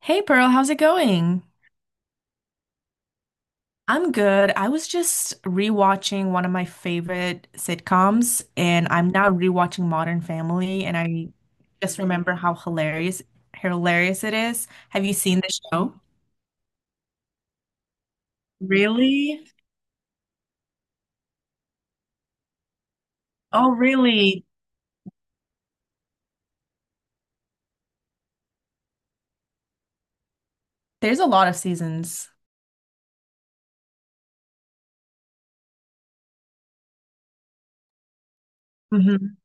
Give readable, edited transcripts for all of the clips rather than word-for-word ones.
Hey Pearl, how's it going? I'm good. I was just rewatching one of my favorite sitcoms, and I'm now rewatching Modern Family, and I just remember how hilarious it is. Have you seen the show? Really? Oh, really? There's a lot of seasons. Mm-hmm.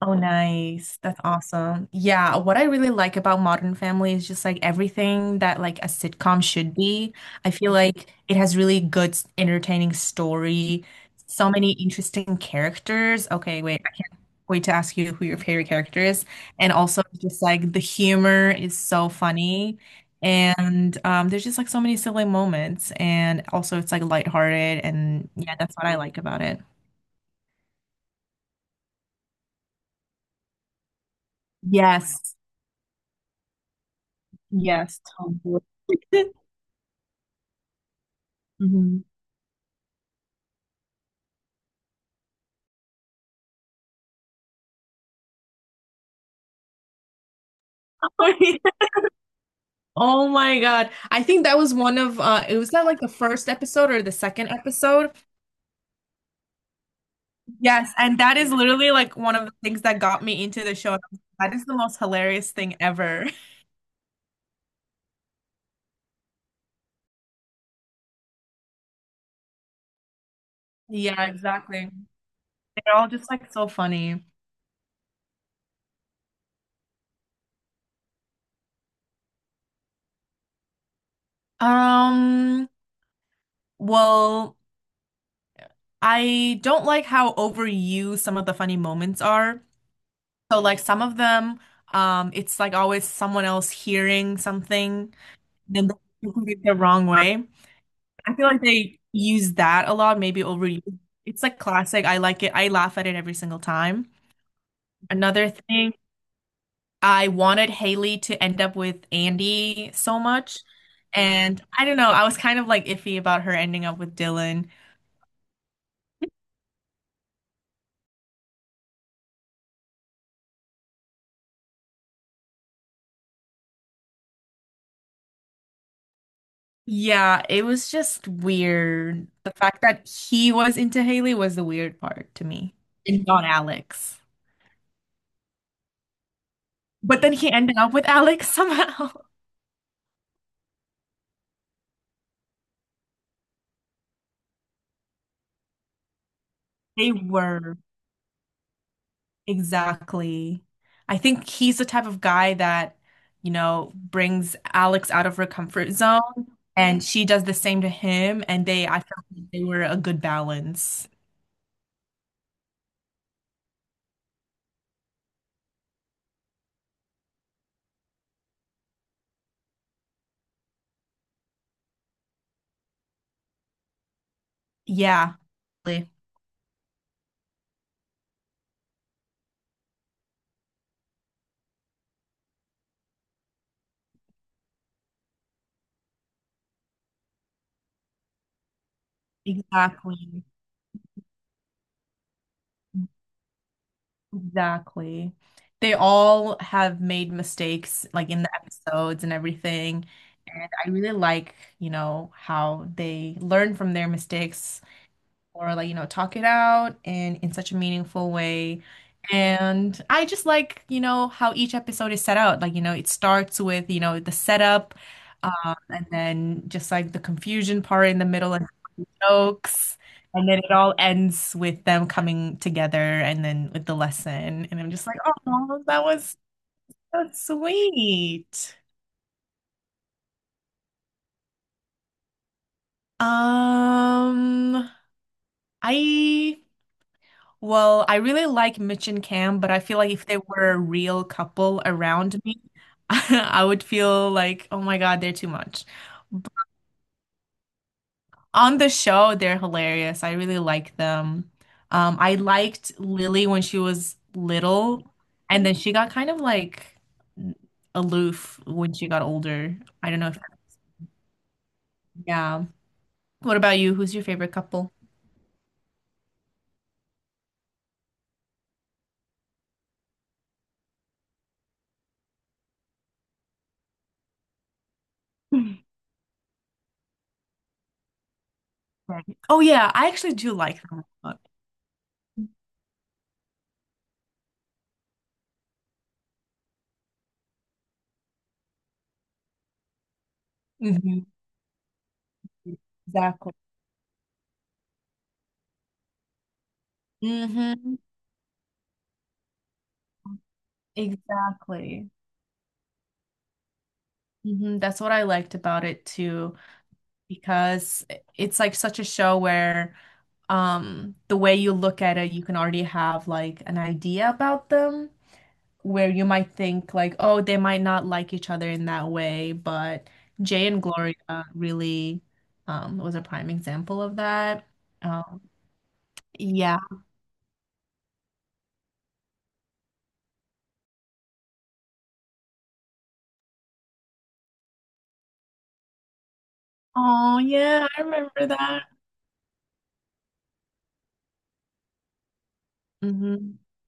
Oh, nice. That's awesome. Yeah, what I really like about Modern Family is just like everything that like a sitcom should be. I feel like it has really good, s- entertaining story, so many interesting characters. Okay, wait, I can't wait to ask you who your favorite character is. And also just like the humor is so funny. And there's just like so many silly moments. And also it's like lighthearted. And yeah, that's what I like about it. Yes. Yes, totally. Mhm. Oh my God. I think that was one of it was that like the first episode or the second episode. Yes, and that is literally like one of the things that got me into the show. That is the most hilarious thing ever. Yeah, exactly. They're all just like so funny. Um, well, I don't like how overused some of the funny moments are. So like some of them, it's like always someone else hearing something, then they do it the wrong way. I feel like they use that a lot, maybe overuse. It's like classic. I like it. I laugh at it every single time. Another thing, I wanted Haley to end up with Andy so much. And I don't know, I was kind of like iffy about her ending up with Dylan. Yeah, it was just weird. The fact that he was into Haley was the weird part to me, and not Alex. But then he ended up with Alex somehow. They were. Exactly. I think he's the type of guy that, you know, brings Alex out of her comfort zone, and she does the same to him, and they, I felt like they were a good balance. Yeah, exactly. Exactly. They all have made mistakes, like in the episodes and everything. And I really like, you know, how they learn from their mistakes or like, you know, talk it out and in such a meaningful way. And I just like, you know, how each episode is set out. Like, you know, it starts with, you know, the setup, and then just like the confusion part in the middle and jokes. And then it all ends with them coming together and then with the lesson. And I'm just like, oh, that's sweet. Um, I Well, I really like Mitch and Cam, but I feel like if they were a real couple around me, I would feel like, oh my God, they're too much. But on the show, they're hilarious. I really like them. I liked Lily when she was little, and then she got kind of like aloof when she got older. I don't know if, yeah. What about you? Who's your favorite couple? Right. Oh yeah, I actually do like them a lot. Mhm. Exactly. Hmm. Exactly. Hmm. That's what I liked about it too, because it's like such a show where the way you look at it, you can already have like an idea about them, where you might think like, oh, they might not like each other in that way, but Jay and Gloria really was a prime example of that. Um, yeah. Oh, yeah, I remember that. Hmm.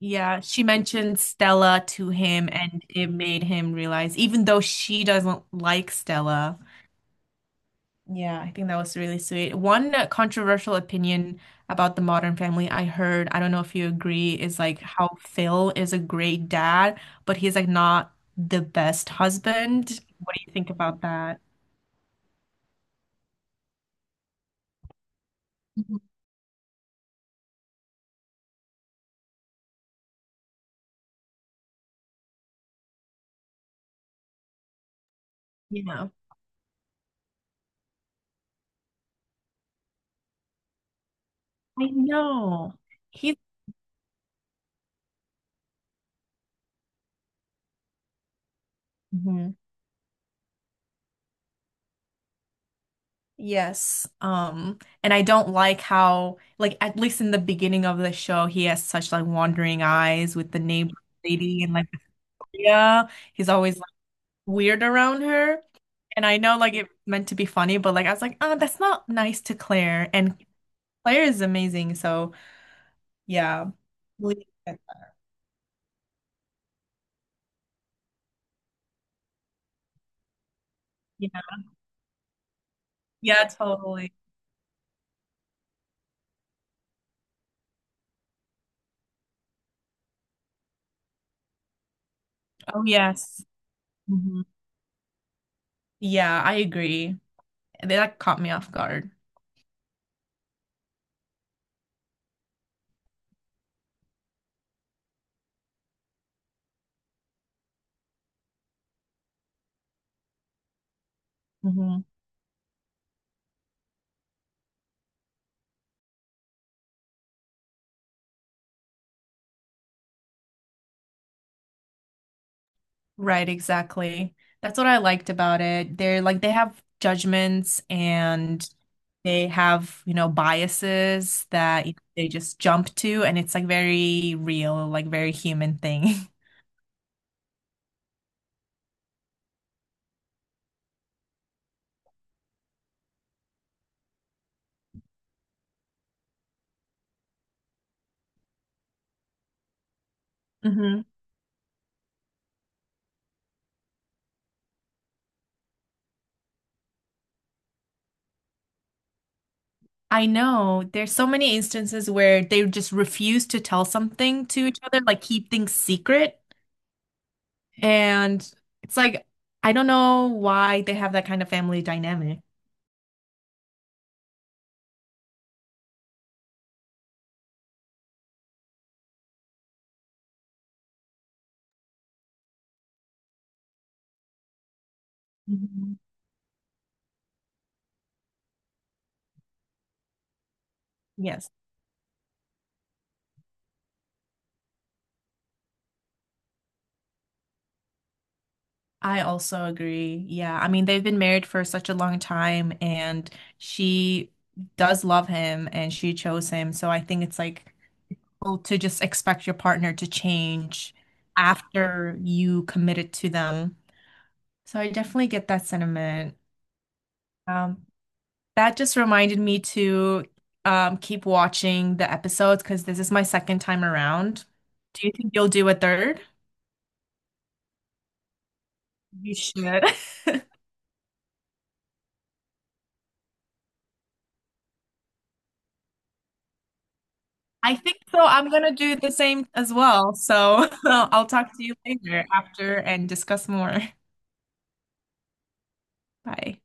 Yeah, she mentioned Stella to him, and it made him realize, even though she doesn't like Stella. Yeah, I think that was really sweet. One controversial opinion about the Modern Family I heard, I don't know if you agree, is like how Phil is a great dad, but he's like not the best husband. What do you think about that? Mhm. Yeah, I know. He's Mhm. Yes. And I don't like how, like, at least in the beginning of the show, he has such like wandering eyes with the neighbor lady and like yeah, he's always like weird around her. And I know like it's meant to be funny, but like I was like, oh, that's not nice to Claire. And Claire is amazing, so yeah. Believe it. Yeah. Yeah, totally. Oh yes. Hmm. Yeah, I agree. That caught me off guard. Mhm. Right, exactly. That's what I liked about it. They're like they have judgments and they have, you know, biases that they just jump to and it's like very real, like very human thing. Hmm. I know there's so many instances where they just refuse to tell something to each other, like keep things secret. And it's like I don't know why they have that kind of family dynamic. Mhm. Yes. I also agree. Yeah. I mean, they've been married for such a long time and she does love him and she chose him. So I think it's like well, to just expect your partner to change after you committed to them. So I definitely get that sentiment. Um, that just reminded me to keep watching the episodes because this is my second time around. Do you think you'll do a third? You should. I think so. I'm gonna do the same as well. So I'll talk to you later after and discuss more. Bye.